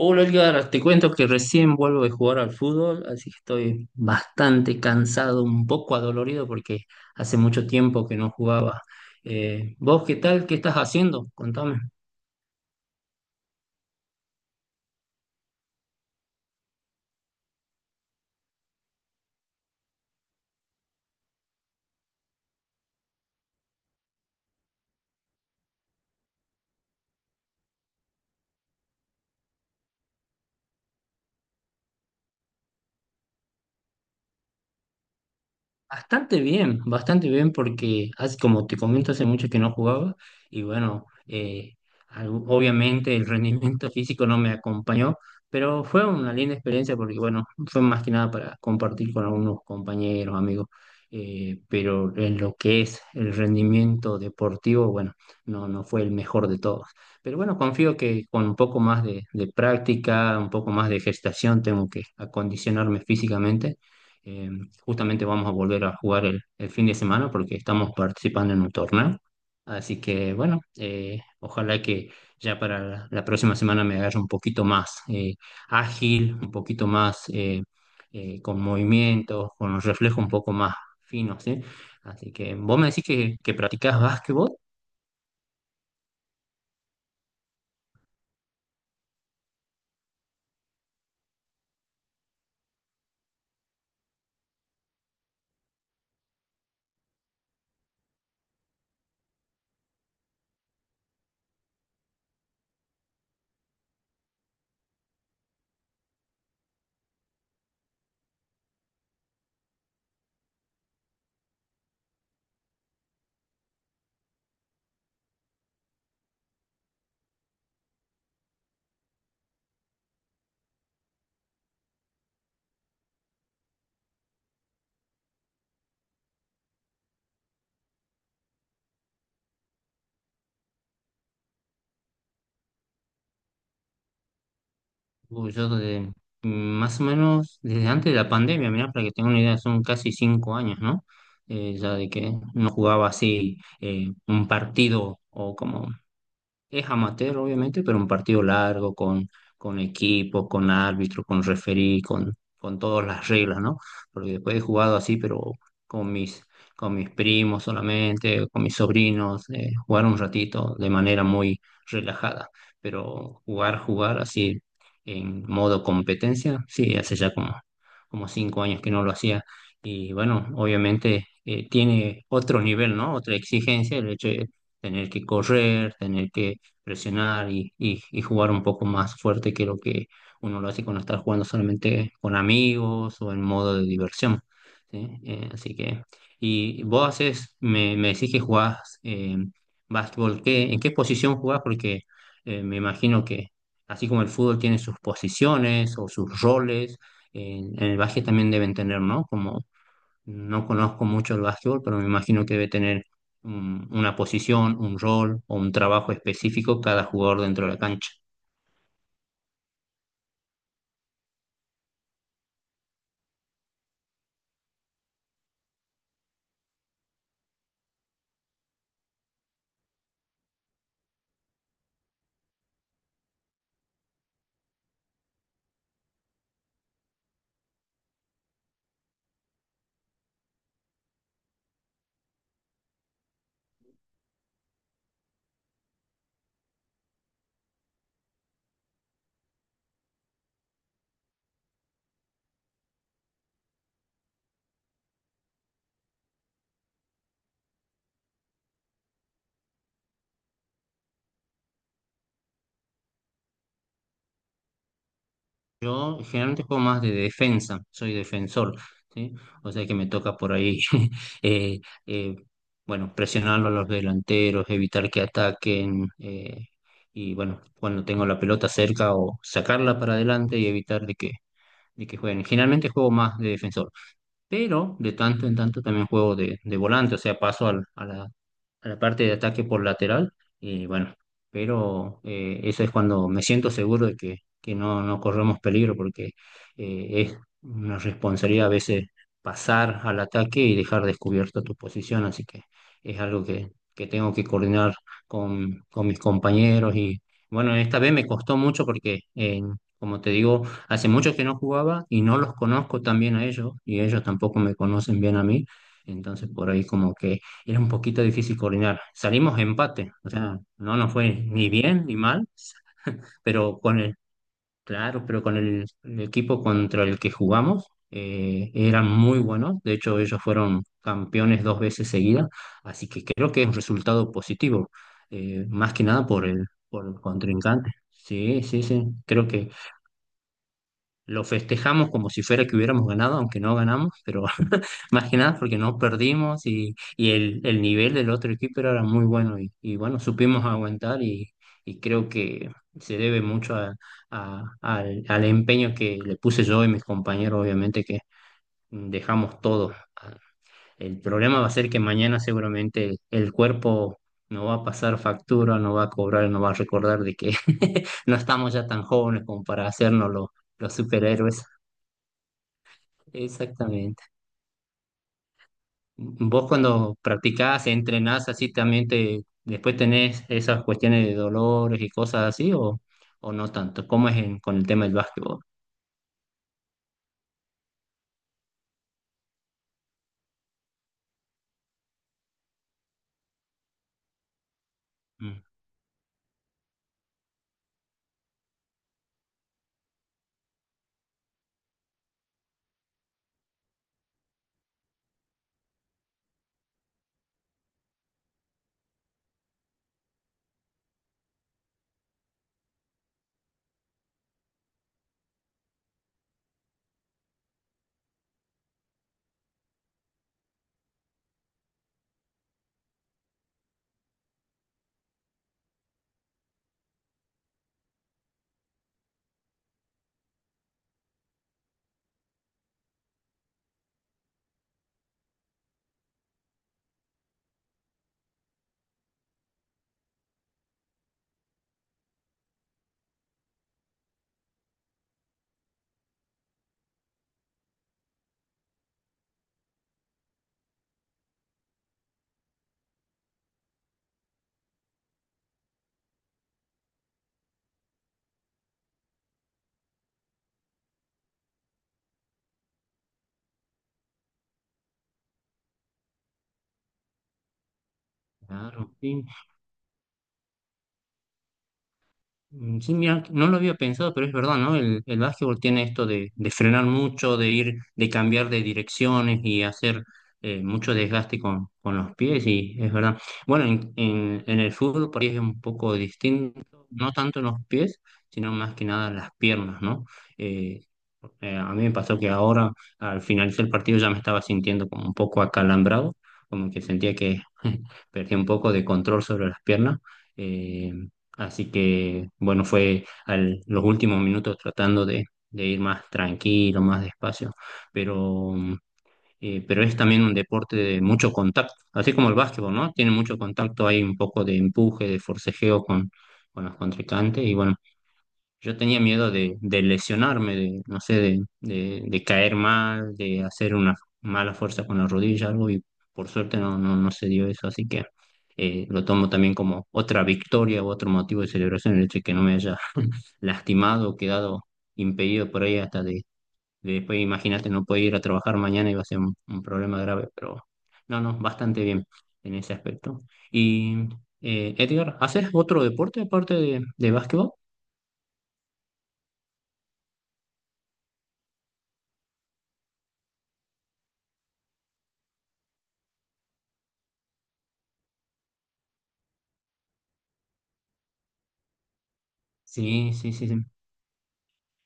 Hola Edgar, te cuento que recién vuelvo de jugar al fútbol, así que estoy bastante cansado, un poco adolorido porque hace mucho tiempo que no jugaba. ¿Vos qué tal? ¿Qué estás haciendo? Contame. Bastante bien porque como te comento hace mucho que no jugaba y bueno, obviamente el rendimiento físico no me acompañó, pero fue una linda experiencia porque bueno, fue más que nada para compartir con algunos compañeros, amigos, pero en lo que es el rendimiento deportivo, bueno, no fue el mejor de todos. Pero bueno, confío que con un poco más de práctica, un poco más de gestación tengo que acondicionarme físicamente. eh, Justamente vamos a volver a jugar el fin de semana porque estamos participando en un torneo. Así que bueno, ojalá que ya para la próxima semana me agarre un poquito más ágil, un poquito más con movimientos, con los reflejos un poco más finos, ¿sí? Así que vos me decís que practicás básquetbol. Uy, yo desde, más o menos desde antes de la pandemia, mirá, para que tenga una idea, son casi 5 años, ¿no? Ya de que no jugaba así un partido o como es amateur, obviamente, pero un partido largo con, equipo, con árbitro, con referí, con todas las reglas, ¿no? Porque después he jugado así, pero con mis, con mis primos solamente, con mis sobrinos, jugar un ratito de manera muy relajada. Pero jugar así en modo competencia, sí, hace ya como 5 años que no lo hacía. Y bueno, obviamente tiene otro nivel, ¿no? Otra exigencia, el hecho de tener que correr, tener que presionar y jugar un poco más fuerte que lo que uno lo hace cuando está jugando solamente con amigos o en modo de diversión. ¿Sí? Así que, y vos haces, me decís que jugás básquetbol, ¿en qué posición jugás? Porque me imagino que así como el fútbol tiene sus posiciones o sus roles, en el básquet también deben tener, ¿no? Como no conozco mucho el básquetbol, pero me imagino que debe tener una posición, un rol o un trabajo específico cada jugador dentro de la cancha. Yo generalmente juego más de defensa, soy defensor, ¿sí? O sea que me toca por ahí, eh, eh, bueno, presionarlo a los delanteros, evitar que ataquen, y bueno, cuando tengo la pelota cerca o sacarla para adelante y evitar de que jueguen. Generalmente juego más de defensor, pero de tanto en tanto también juego de volante, o sea, paso a la parte de ataque por lateral y bueno, pero eso es cuando me siento seguro de que no corremos peligro porque es una responsabilidad a veces pasar al ataque y dejar descubierta tu posición, así que es algo que tengo que coordinar con mis compañeros y bueno, esta vez me costó mucho porque, como te digo, hace mucho que no jugaba y no los conozco tan bien a ellos y ellos tampoco me conocen bien a mí. Entonces por ahí como que era un poquito difícil coordinar. Salimos empate, o sea, no nos fue ni bien ni mal, pero con el, claro, pero con el equipo contra el que jugamos eran muy buenos. De hecho, ellos fueron campeones dos veces seguidas, así que creo que es un resultado positivo, más que nada por el, contrincante. Sí, sí, sí, creo lo festejamos como si fuera que hubiéramos ganado, aunque no ganamos, pero más que nada porque no perdimos y el nivel del otro equipo era muy bueno y bueno, supimos aguantar y creo que se debe mucho al empeño que le puse yo y mis compañeros, obviamente que dejamos todo. El problema va a ser que mañana seguramente el cuerpo no va a pasar factura, no va a cobrar, no va a recordar de que no estamos ya tan jóvenes como para hacernos los superhéroes. Exactamente. Vos cuando practicás, entrenás así también te, después tenés esas cuestiones de dolores y cosas así o no tanto. ¿Cómo es con el tema del básquetbol? Mm, claro, sí. Mm, sí, mira, no lo había pensado, pero es verdad, ¿no? El básquetbol tiene esto de, frenar mucho, de ir, de cambiar de direcciones y hacer mucho desgaste con los pies, y es verdad. Bueno, en, en el fútbol por ahí es un poco distinto, no tanto en los pies, sino más que nada en las piernas, ¿no? Eh, a mí me pasó que ahora, al finalizar el partido, ya me estaba sintiendo como un poco acalambrado, como que sentía que perdí un poco de control sobre las piernas. eh, Así que, bueno, fue los últimos minutos tratando de, ir más tranquilo, más despacio, pero, mm, pero es también un deporte de mucho contacto, así como el básquetbol, ¿no? Tiene mucho contacto, hay un poco de empuje, de forcejeo con los contrincantes y bueno, yo tenía miedo de lesionarme, de, no sé, de caer mal, de hacer una mala fuerza con la rodilla, algo, y por suerte no se dio eso, así que lo tomo también como otra victoria o otro motivo de celebración, el hecho de que no me haya lastimado o quedado impedido por ahí hasta de, después, imagínate, no poder ir a trabajar mañana, iba a ser un problema grave, pero no, no, bastante bien en ese aspecto. Y, Edgar, ¿haces otro deporte aparte de básquetbol? Sí, sí, sí, sí.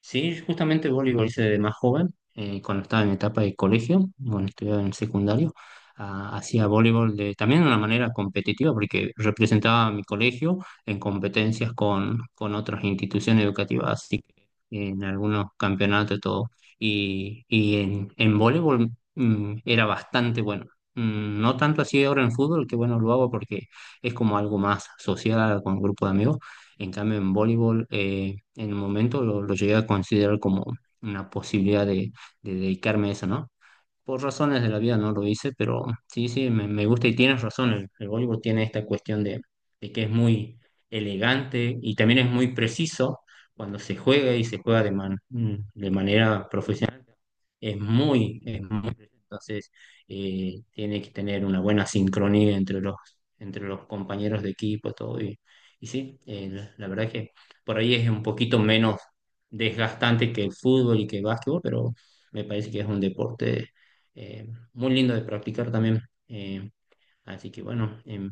Sí, justamente voleibol hice de más joven, cuando estaba en etapa de colegio, bueno, estudiaba en secundario, ah, hacía voleibol también de una manera competitiva, porque representaba a mi colegio en competencias con, otras instituciones educativas, así que en algunos campeonatos y todo. Y en voleibol era bastante bueno. No tanto así ahora en fútbol, que bueno, lo hago porque es como algo más social con un grupo de amigos, en cambio, en voleibol, en el momento lo, llegué a considerar como una posibilidad de dedicarme a eso, ¿no? Por razones de la vida no lo hice, pero sí, sí, me gusta y tienes razón. El voleibol tiene esta cuestión de, que es muy elegante y también es muy preciso cuando se juega y se juega de manera profesional. es muy, preciso. Entonces, tiene que tener una buena sincronía entre los, compañeros de equipo, todo. Y sí, la verdad que por ahí es un poquito menos desgastante que el fútbol y que el básquetbol, pero me parece que es un deporte eh, muy lindo de practicar también. Eh, Así que bueno,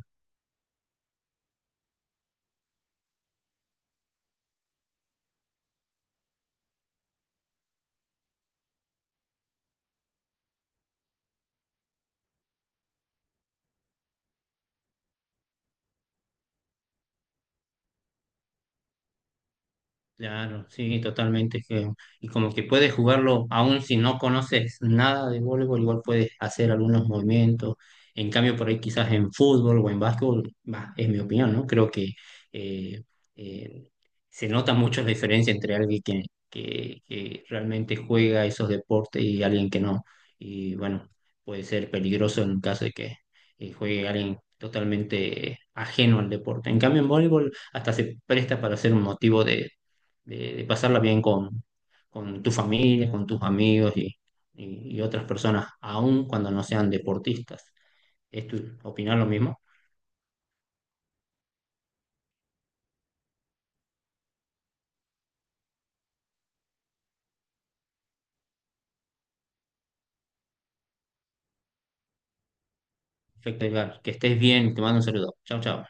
claro, sí, totalmente. Y como que puedes jugarlo, aún si no conoces nada de voleibol, igual puedes hacer algunos movimientos. En cambio, por ahí quizás en fútbol o en básquetbol, bah, es mi opinión, ¿no? Creo que eh, eh, se nota mucho la diferencia entre alguien que realmente juega esos deportes y alguien que no. Y bueno, puede ser peligroso en caso de que juegue alguien totalmente ajeno al deporte. En cambio, en voleibol hasta se presta para ser un motivo de, pasarla bien con tu familia, con tus amigos y otras personas, aun cuando no sean deportistas. ¿Es tu opinión lo mismo? Perfecto, Edgar. Que estés bien, te mando un saludo. Chao, chao.